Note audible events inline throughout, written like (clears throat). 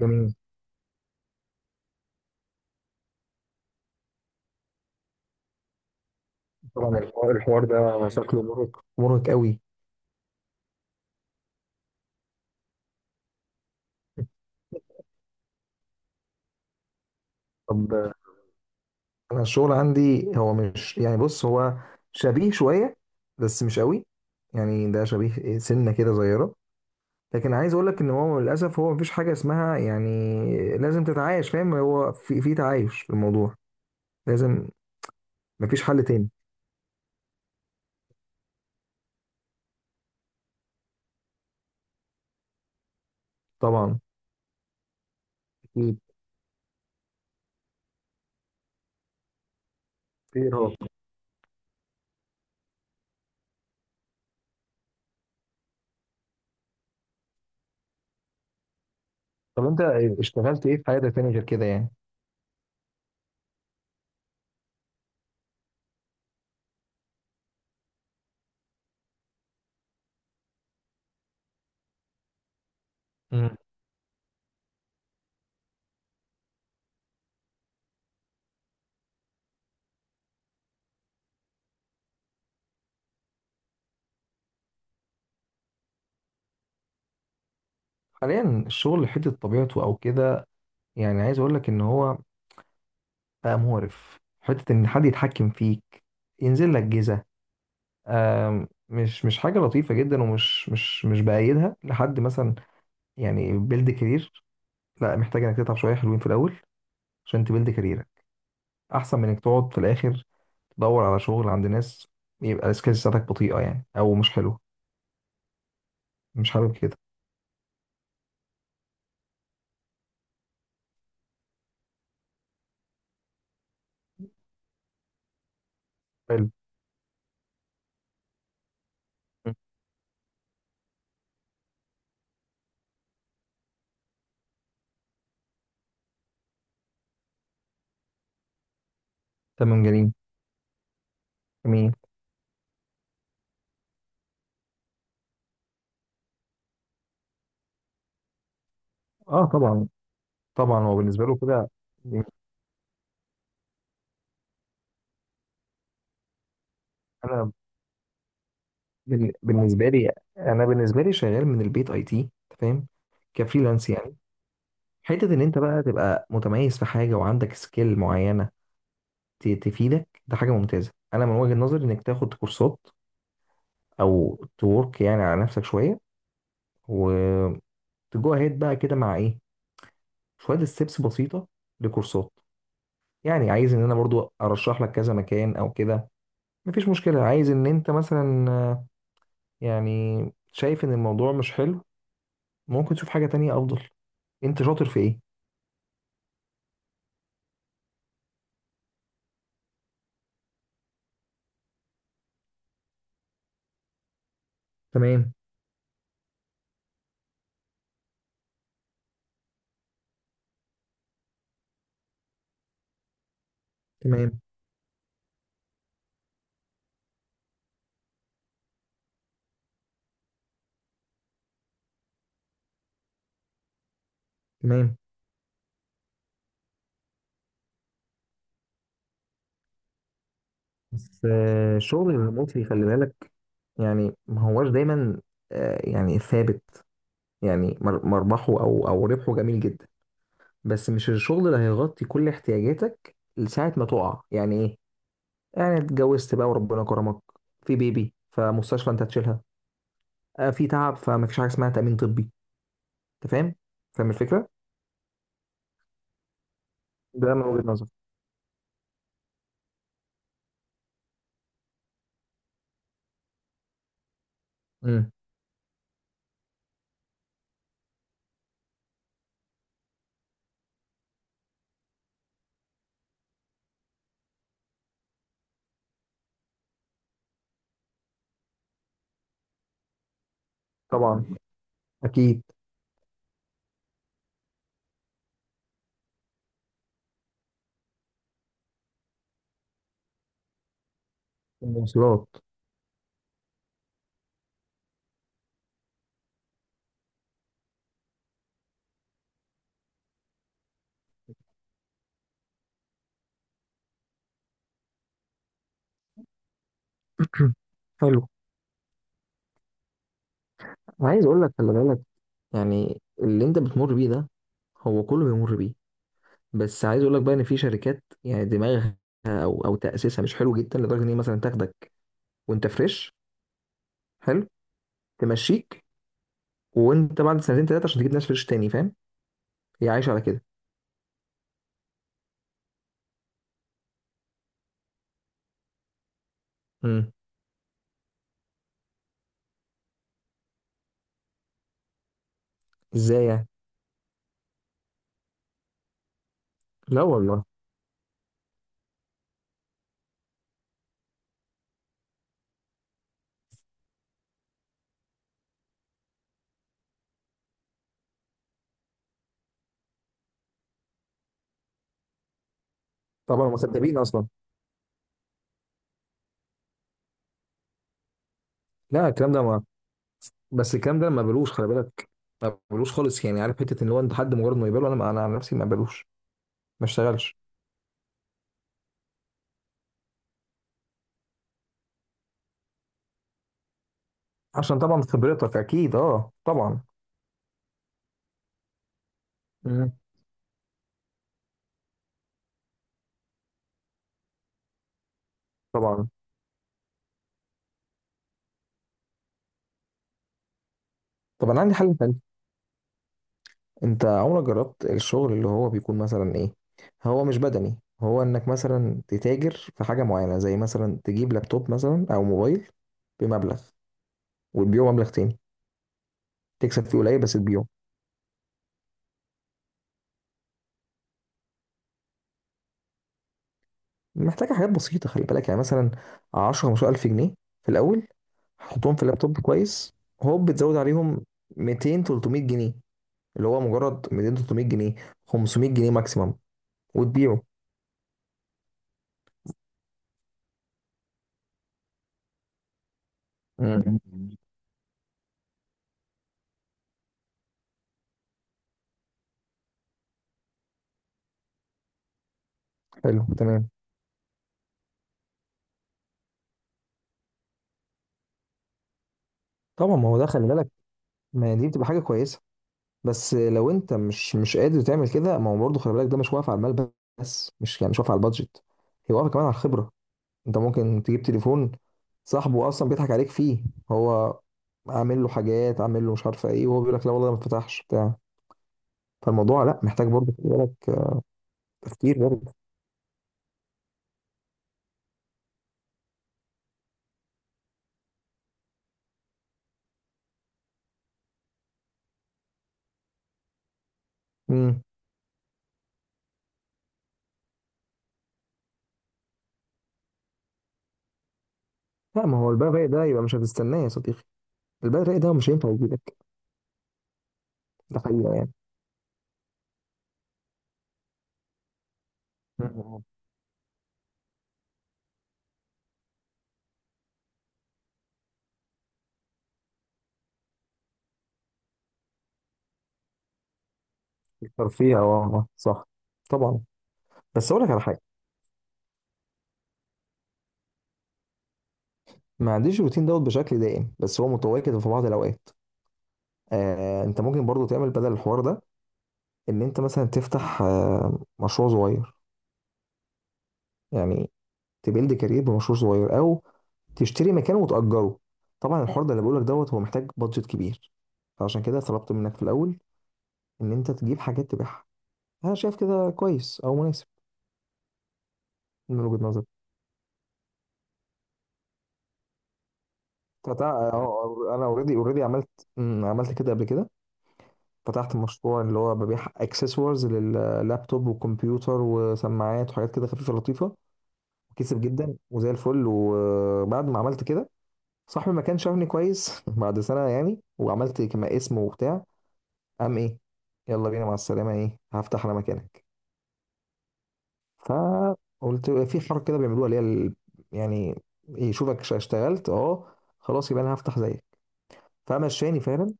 جميل. طبعا الحوار ده شكله مرهق مرهق قوي. طب، انا الشغل عندي هو مش، يعني بص، هو شبيه شويه بس مش قوي. يعني ده شبيه سنه كده صغيره. لكن عايز اقول لك ان هو للاسف، هو مفيش حاجه اسمها، يعني. لازم تتعايش، فاهم؟ هو في تعايش في الموضوع، لازم. مفيش حل تاني. طبعا، اكيد في إرهاق. طب انت اشتغلت ايه في حياتك تاني غير كده، يعني؟ مم. حاليا الشغل حته طبيعته او كده. يعني عايز اقول لك ان هو بقى مقرف، حتة إن حد يتحكم فيك، ينزل لك جيزة. مش حاجة لطيفة جدا، ومش مش مش بأيدها لحد مثلا. يعني بيلد كارير، لا، محتاج إنك تتعب شوية حلوين في الأول عشان تبيلد كاريرك، أحسن من إنك تقعد في الآخر تدور على شغل عند ناس، يبقى السكيلز بتاعتك بطيئة يعني أو مش حلوة. مش حابب كده. حلو. م. تمام. جميل. جميل، اه، طبعا. طبعا هو بالنسبة له كده. أنا، بالنسبه لي، انا بالنسبه لي شغال من البيت، IT، فاهم؟ كفريلانس يعني. حته ان انت بقى تبقى متميز في حاجه، وعندك سكيل معينه تفيدك، ده حاجه ممتازه. انا من وجهه نظري انك تاخد كورسات، او تورك يعني على نفسك شويه، وتجو اهيد بقى كده مع ايه، شويه ستيبس بسيطه لكورسات. يعني عايز ان انا برضو ارشح لك كذا مكان او كده، مفيش مشكله. عايز ان انت مثلا، يعني، شايف ان الموضوع مش حلو، ممكن تشوف حاجه تانية افضل. انت شاطر في ايه؟ تمام. تمام. تمام. بس، الشغل الريموتلي، خلي بالك. يعني ما هواش دايما، يعني، ثابت. يعني مربحه، او ربحه جميل جدا. بس مش الشغل اللي هيغطي كل احتياجاتك لساعة ما تقع، يعني ايه. يعني اتجوزت بقى وربنا كرمك، في بيبي، فمستشفى انت هتشيلها. في تعب، فما فيش حاجة اسمها تأمين طبي. انت فاهم؟ فاهم الفكرة؟ ده من وجهة نظري. امم طبعا، اكيد. المواصلات. (clears throat) حلو. عايز اقول لك، خلي بالك. يعني اللي انت بتمر بيه ده، هو كله بيمر بيه. بس عايز اقول لك بقى، ان في شركات يعني دماغها او تاسيسها مش حلو جدا، لدرجه ان هي مثلا تاخدك وانت فريش. حلو. تمشيك وانت بعد سنتين ثلاثه، عشان تجيب ناس فريش تاني، فاهم؟ هي عايشه على كده. امم ازاي يعني؟ لا والله. طبعا هم صدقين اصلا. لا. الكلام ده ما بس الكلام ده ما بلوش، خلي بالك. ما بلوش خالص، يعني عارف حته ان هو انت حد مجرد ما يقبله. انا عن نفسي ما بلوش، ما اشتغلش. عشان طبعا خبرتك، اكيد، اه، طبعا. امم طبعا. طب انا عندي حل تاني، انت عمرك جربت الشغل اللي هو بيكون مثلا ايه، هو مش بدني، هو انك مثلا تتاجر في حاجة معينة، زي مثلا تجيب لابتوب مثلا او موبايل بمبلغ، وتبيعه مبلغ تاني، تكسب فيه قليل بس تبيعه. محتاجة حاجات بسيطة، خلي بالك يعني، مثلا 10 15 ألف جنيه في الأول. هتحطهم في اللابتوب كويس، هوب بتزود عليهم 200 300 جنيه، اللي هو مجرد 200 300 جنيه، 500 جنيه ماكسيمم، وتبيعه. مم. حلو، تمام. طبعا ما هو ده خلي بالك، ما دي بتبقى حاجة كويسة. بس لو انت مش قادر تعمل كده، ما هو برضه خلي بالك، ده مش واقف على المال. بس مش يعني مش واقف على البادجت. هي واقفه كمان على الخبره. انت ممكن تجيب تليفون، صاحبه اصلا بيضحك عليك فيه، هو عامل له حاجات، عامل له مش عارفه ايه، وهو بيقول لك لا والله ده ما اتفتحش بتاع. فالموضوع لا محتاج برضه خلي بالك، تفكير برضه. امم. لا، ما هو البال الرايق ده يبقى مش هتستناه، يا صديقي. البال الرايق ده مش هينفع يجيلك. ده حقيقه يعني. مم. الترفيه، اه، صح. طبعا. بس اقول لك على حاجه. ما عنديش الروتين دوت بشكل دائم، بس هو متواجد في بعض الاوقات. انت ممكن برضو تعمل بدل الحوار ده، ان انت مثلا تفتح مشروع صغير. يعني تبيلد كارير بمشروع صغير، او تشتري مكان وتأجره. طبعا الحوار ده اللي بقولك دوت، هو محتاج بادجت كبير. فعشان كده طلبت منك في الاول ان انت تجيب حاجات تبيعها. انا شايف كده كويس او مناسب، من وجهة نظري. اه، انا اوريدي عملت. عملت كده قبل كده. فتحت مشروع اللي هو ببيع اكسسوارز لللابتوب وكمبيوتر وسماعات وحاجات كده خفيفه لطيفه. كسب جدا وزي الفل، وبعد ما عملت كده، صاحبي ما كانش شافني كويس (laughs) بعد سنه يعني، وعملت كما اسم وبتاع، قام ايه؟ يلا بينا مع السلامه، ايه؟ هفتح انا مكانك. فقلت في حركه كده بيعملوها اللي هي يعني، يشوفك اشتغلت، اه، خلاص، يبقى انا هفتح زيك. فمشاني فعلا.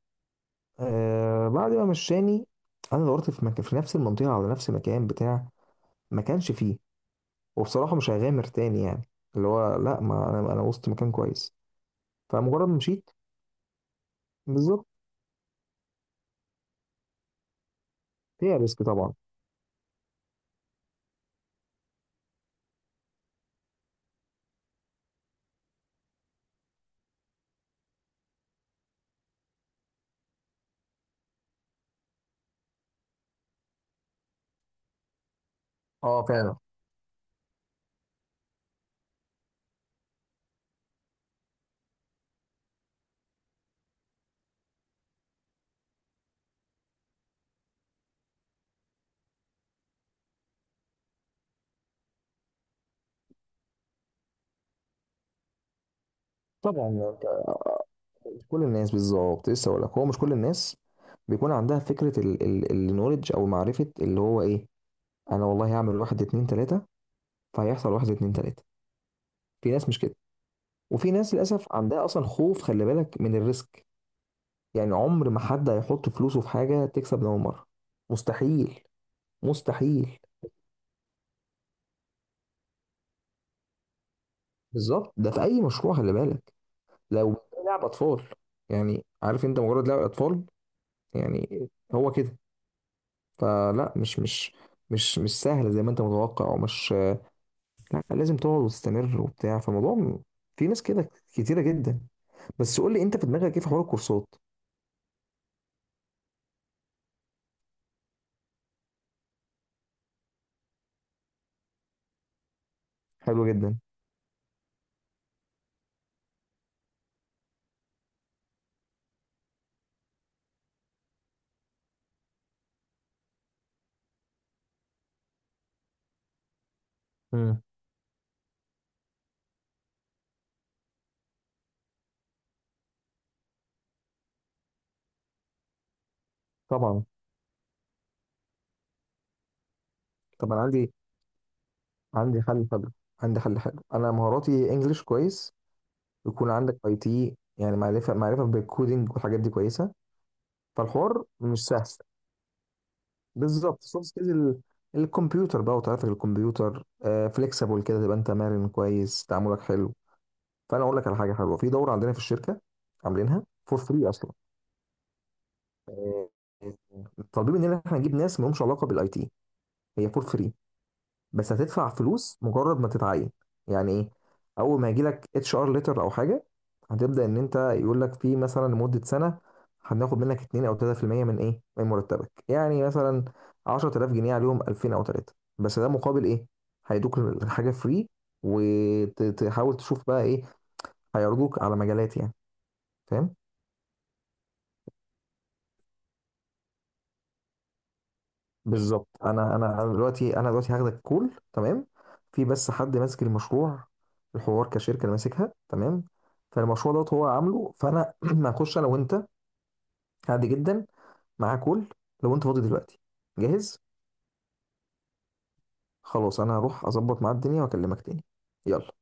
بعد ما مشاني، انا دورت في مكان في نفس المنطقه، على نفس المكان بتاع. ما كانش فيه. وبصراحة مش هيغامر تاني، يعني اللي هو لا، ما انا وسط مكان كويس. فمجرد ما مشيت. بالظبط، هي ريسك طبعا. اه فعلا. طبعا، يعني مش كل الناس، بالظبط. لسه اقول لك هو مش كل الناس بيكون عندها فكرة، النولج او معرفة، اللي هو ايه. انا والله هعمل واحد اتنين تلاتة، فهيحصل واحد اتنين تلاتة. في ناس مش كده. وفي ناس للأسف عندها أصلا خوف، خلي بالك، من الريسك. يعني عمر ما حد هيحط فلوسه في حاجة تكسب من أول مرة. مستحيل. مستحيل. بالظبط، ده في اي مشروع خلي بالك. لو لعب اطفال، يعني عارف، انت مجرد لعب اطفال. يعني هو كده. فلا، مش سهل زي ما انت متوقع ومش. لا، لازم تقعد وتستمر وبتاع، فالموضوع في ناس كده كتيره جدا. بس قول لي، انت في دماغك ايه في حوار الكورسات؟ حلو جدا. امم طبعا. طبعا. عندي حل حلو، عندي حل حلو، انا مهاراتي انجليش كويس، يكون عندك IT، يعني معرفه بالكودينج والحاجات دي كويسه. فالحوار مش سهل. بالظبط، سوفت سكيلز الكمبيوتر بقى وطريقتك، الكمبيوتر، فليكسبل كده، تبقى انت مرن كويس، تعاملك حلو. فانا اقول لك على حاجه حلوه، في دوره عندنا في الشركه، عاملينها فور فري اصلا. آه، طالبين مننا ان احنا نجيب ناس ما لهمش علاقه بالاي تي. هي فور فري بس هتدفع فلوس مجرد ما تتعين. يعني ايه؟ اول ما يجي لك HR ليتر او حاجه، هتبدا ان انت، يقول لك في مثلا لمده سنه، هناخد منك 2 او 3% من ايه، من مرتبك يعني، مثلا 10,000 جنيه عليهم 2000 او 3، بس ده مقابل ايه. هيدوك الحاجه فري، وتحاول تشوف بقى ايه، هيعرضوك على مجالات يعني، فاهم. بالظبط، انا دلوقتي، هاخدك كول، تمام. في بس حد ماسك المشروع، الحوار كشركه اللي ماسكها، تمام. فالمشروع دوت هو عامله، فانا (clears throat) هخش انا وانت، عادي جدا، معاه كول. لو انت فاضي دلوقتي، جاهز. خلاص، انا هروح اظبط معاه الدنيا واكلمك تاني. يلا.